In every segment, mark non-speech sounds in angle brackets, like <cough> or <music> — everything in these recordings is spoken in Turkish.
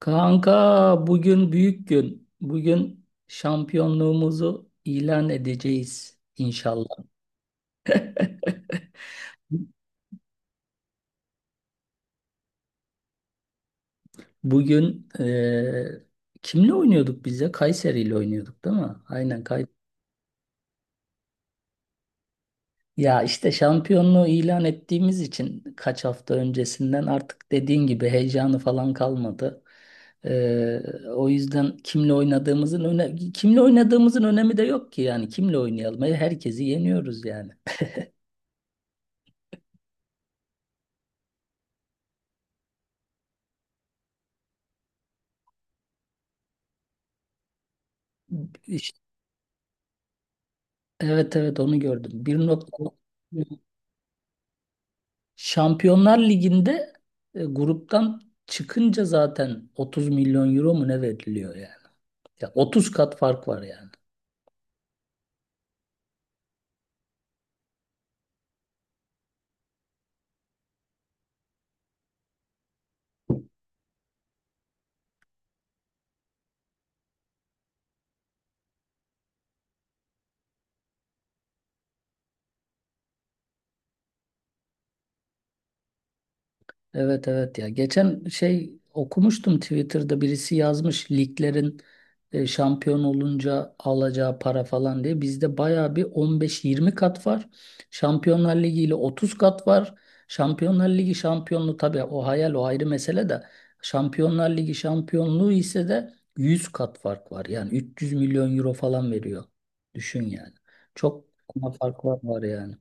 Kanka bugün büyük gün. Bugün şampiyonluğumuzu ilan edeceğiz inşallah. <laughs> Bugün kimle oynuyorduk biz ya? Kayseri ile oynuyorduk değil mi? Aynen Kayseri. Ya işte şampiyonluğu ilan ettiğimiz için kaç hafta öncesinden artık dediğin gibi heyecanı falan kalmadı. Eee, o yüzden kimle oynadığımızın önemi de yok ki yani kimle oynayalım. Herkesi yeniyoruz yani. Evet, evet, onu gördüm. Bir nokta Şampiyonlar Ligi'nde gruptan çıkınca zaten 30 milyon euro mu ne veriliyor yani? Ya 30 kat fark var yani. Evet, evet, ya geçen şey okumuştum Twitter'da birisi yazmış liglerin şampiyon olunca alacağı para falan diye bizde baya bir 15-20 kat var. Şampiyonlar Ligi ile 30 kat var. Şampiyonlar Ligi şampiyonluğu tabii o hayal, o ayrı mesele de Şampiyonlar Ligi şampiyonluğu ise de 100 kat fark var. Yani 300 milyon euro falan veriyor. Düşün yani. Çok fark var yani.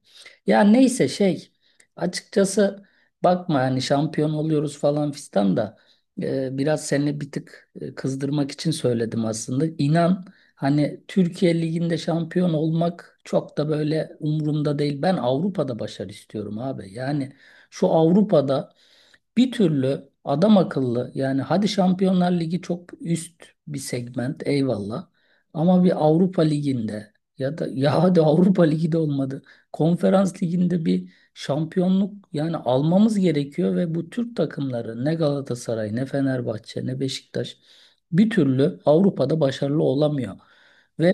Ya neyse şey açıkçası bakma hani şampiyon oluyoruz falan fistan da biraz seni bir tık kızdırmak için söyledim aslında. İnan hani Türkiye Ligi'nde şampiyon olmak çok da böyle umurumda değil. Ben Avrupa'da başarı istiyorum abi. Yani şu Avrupa'da bir türlü adam akıllı yani hadi Şampiyonlar Ligi çok üst bir segment eyvallah ama bir Avrupa Ligi'nde ya da ya hadi Avrupa Ligi de olmadı. Konferans Ligi'nde bir şampiyonluk yani almamız gerekiyor ve bu Türk takımları ne Galatasaray ne Fenerbahçe ne Beşiktaş bir türlü Avrupa'da başarılı olamıyor. Ve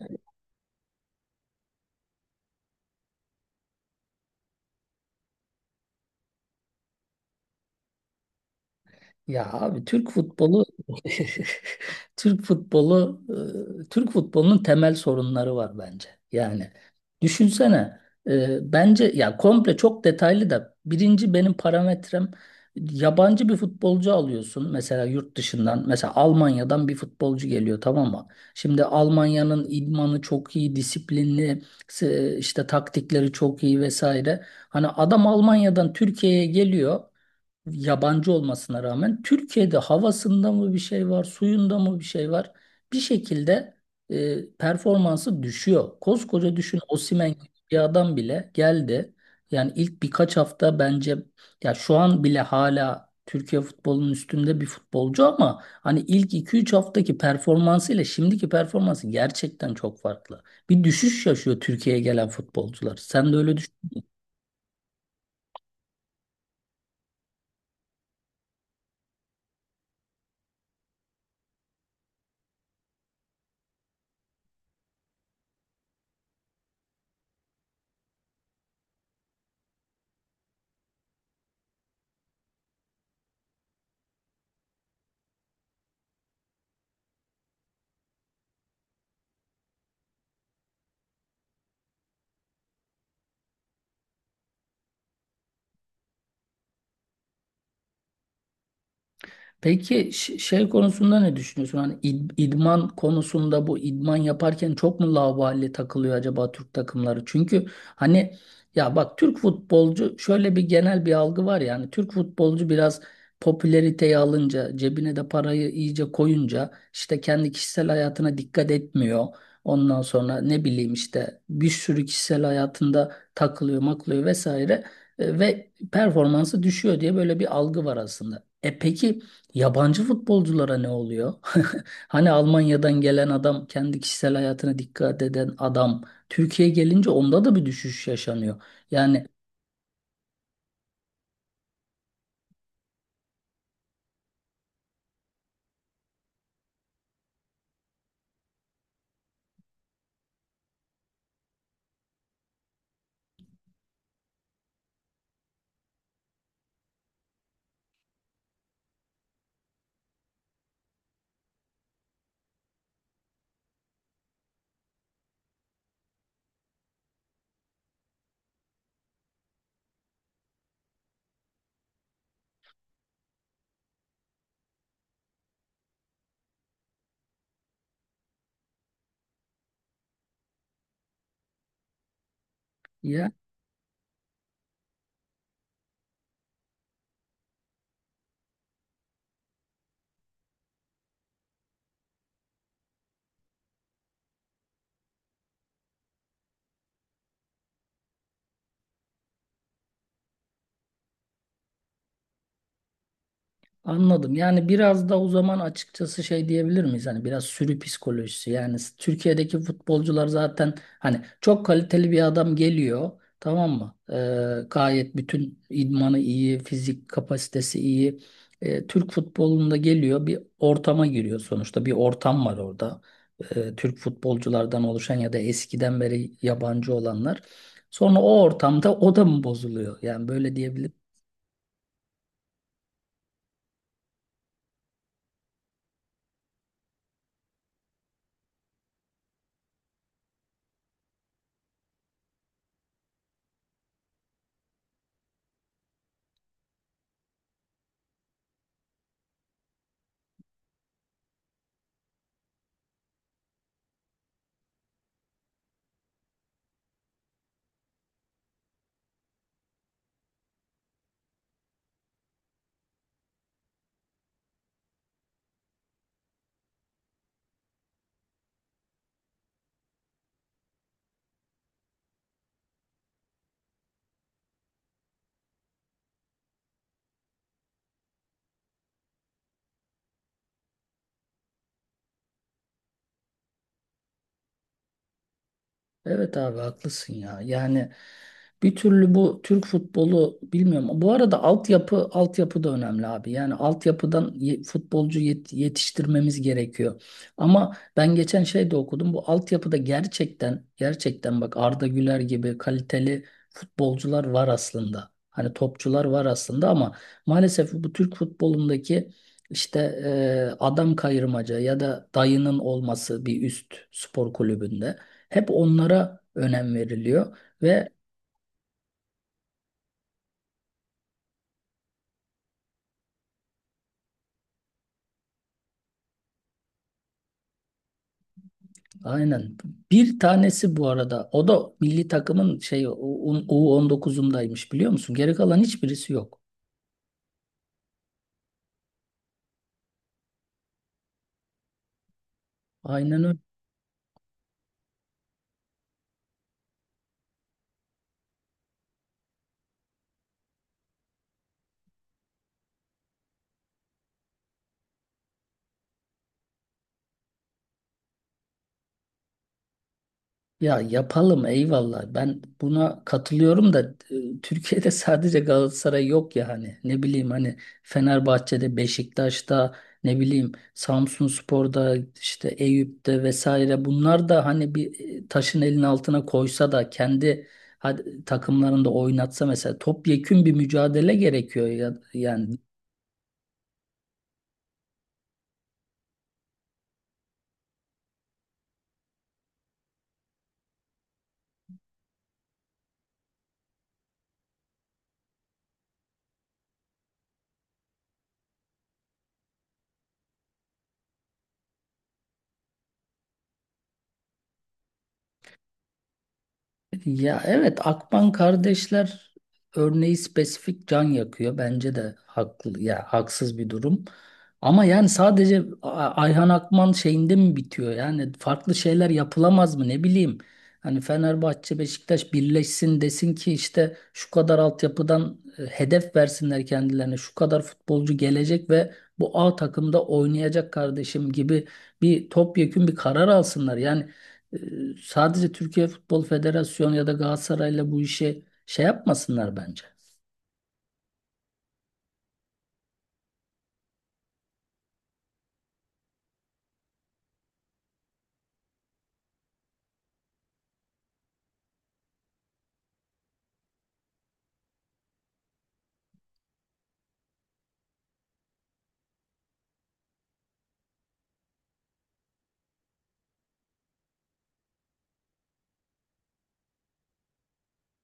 ya abi Türk futbolu. <laughs> Türk futbolu, Türk futbolunun temel sorunları var bence. Yani düşünsene, bence ya komple çok detaylı da birinci benim parametrem, yabancı bir futbolcu alıyorsun mesela yurt dışından, mesela Almanya'dan bir futbolcu geliyor, tamam mı? Şimdi Almanya'nın idmanı çok iyi, disiplinli, işte taktikleri çok iyi vesaire. Hani adam Almanya'dan Türkiye'ye geliyor, yabancı olmasına rağmen Türkiye'de havasında mı bir şey var, suyunda mı bir şey var? Bir şekilde performansı düşüyor. Koskoca düşün, Osimhen gibi bir adam bile geldi. Yani ilk birkaç hafta bence, ya şu an bile hala Türkiye futbolunun üstünde bir futbolcu ama hani ilk iki üç haftaki performansı ile şimdiki performansı gerçekten çok farklı. Bir düşüş yaşıyor Türkiye'ye gelen futbolcular. Sen de öyle. Peki şey konusunda ne düşünüyorsun? Hani idman konusunda, bu idman yaparken çok mu laubali takılıyor acaba Türk takımları? Çünkü hani, ya bak, Türk futbolcu şöyle bir genel bir algı var yani, Türk futbolcu biraz popülariteyi alınca, cebine de parayı iyice koyunca işte kendi kişisel hayatına dikkat etmiyor. Ondan sonra ne bileyim işte bir sürü kişisel hayatında takılıyor, maklıyor vesaire. Ve performansı düşüyor diye böyle bir algı var aslında. E peki yabancı futbolculara ne oluyor? <laughs> Hani Almanya'dan gelen adam, kendi kişisel hayatına dikkat eden adam, Türkiye'ye gelince onda da bir düşüş yaşanıyor. Yani ya, anladım. Yani biraz da o zaman açıkçası şey diyebilir miyiz? Hani biraz sürü psikolojisi. Yani Türkiye'deki futbolcular zaten hani çok kaliteli bir adam geliyor. Tamam mı? Gayet bütün idmanı iyi, fizik kapasitesi iyi. Türk futbolunda geliyor bir ortama giriyor sonuçta. Bir ortam var orada. Türk futbolculardan oluşan ya da eskiden beri yabancı olanlar. Sonra o ortamda o da mı bozuluyor? Yani böyle diyebilir. Evet abi, haklısın ya. Yani bir türlü bu Türk futbolu, bilmiyorum. Bu arada altyapı, altyapı da önemli abi. Yani altyapıdan futbolcu yetiştirmemiz gerekiyor. Ama ben geçen şey de okudum. Bu altyapıda gerçekten, gerçekten bak Arda Güler gibi kaliteli futbolcular var aslında. Hani topçular var aslında ama maalesef bu Türk futbolundaki işte adam kayırmaca ya da dayının olması bir üst spor kulübünde. Hep onlara önem veriliyor ve aynen, bir tanesi bu arada o da milli takımın şey on dokuzundaymış biliyor musun? Geri kalan hiçbirisi yok. Aynen. Ya yapalım, eyvallah. Ben buna katılıyorum da Türkiye'de <laughs> sadece Galatasaray yok ya, hani ne bileyim hani, Fenerbahçe'de, Beşiktaş'ta, ne bileyim Samsunspor'da, işte Eyüp'te vesaire, bunlar da hani bir taşın elinin altına koysa da kendi, hadi, takımlarında oynatsa mesela, topyekün bir mücadele gerekiyor ya yani. Ya evet, Akban kardeşler örneği spesifik can yakıyor. Bence de haklı ya haksız bir durum. Ama yani sadece Ayhan Akman şeyinde mi bitiyor? Yani farklı şeyler yapılamaz mı, ne bileyim. Hani Fenerbahçe Beşiktaş birleşsin desin ki işte şu kadar altyapıdan hedef versinler kendilerine. Şu kadar futbolcu gelecek ve bu A takımda oynayacak kardeşim gibi bir topyekün bir karar alsınlar. Yani e, sadece Türkiye Futbol Federasyonu ya da Galatasaray'la bu işe şey yapmasınlar bence.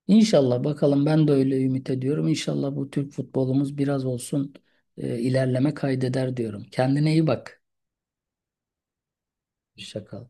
İnşallah bakalım, ben de öyle ümit ediyorum. İnşallah bu Türk futbolumuz biraz olsun ilerleme kaydeder diyorum. Kendine iyi bak. Şaka.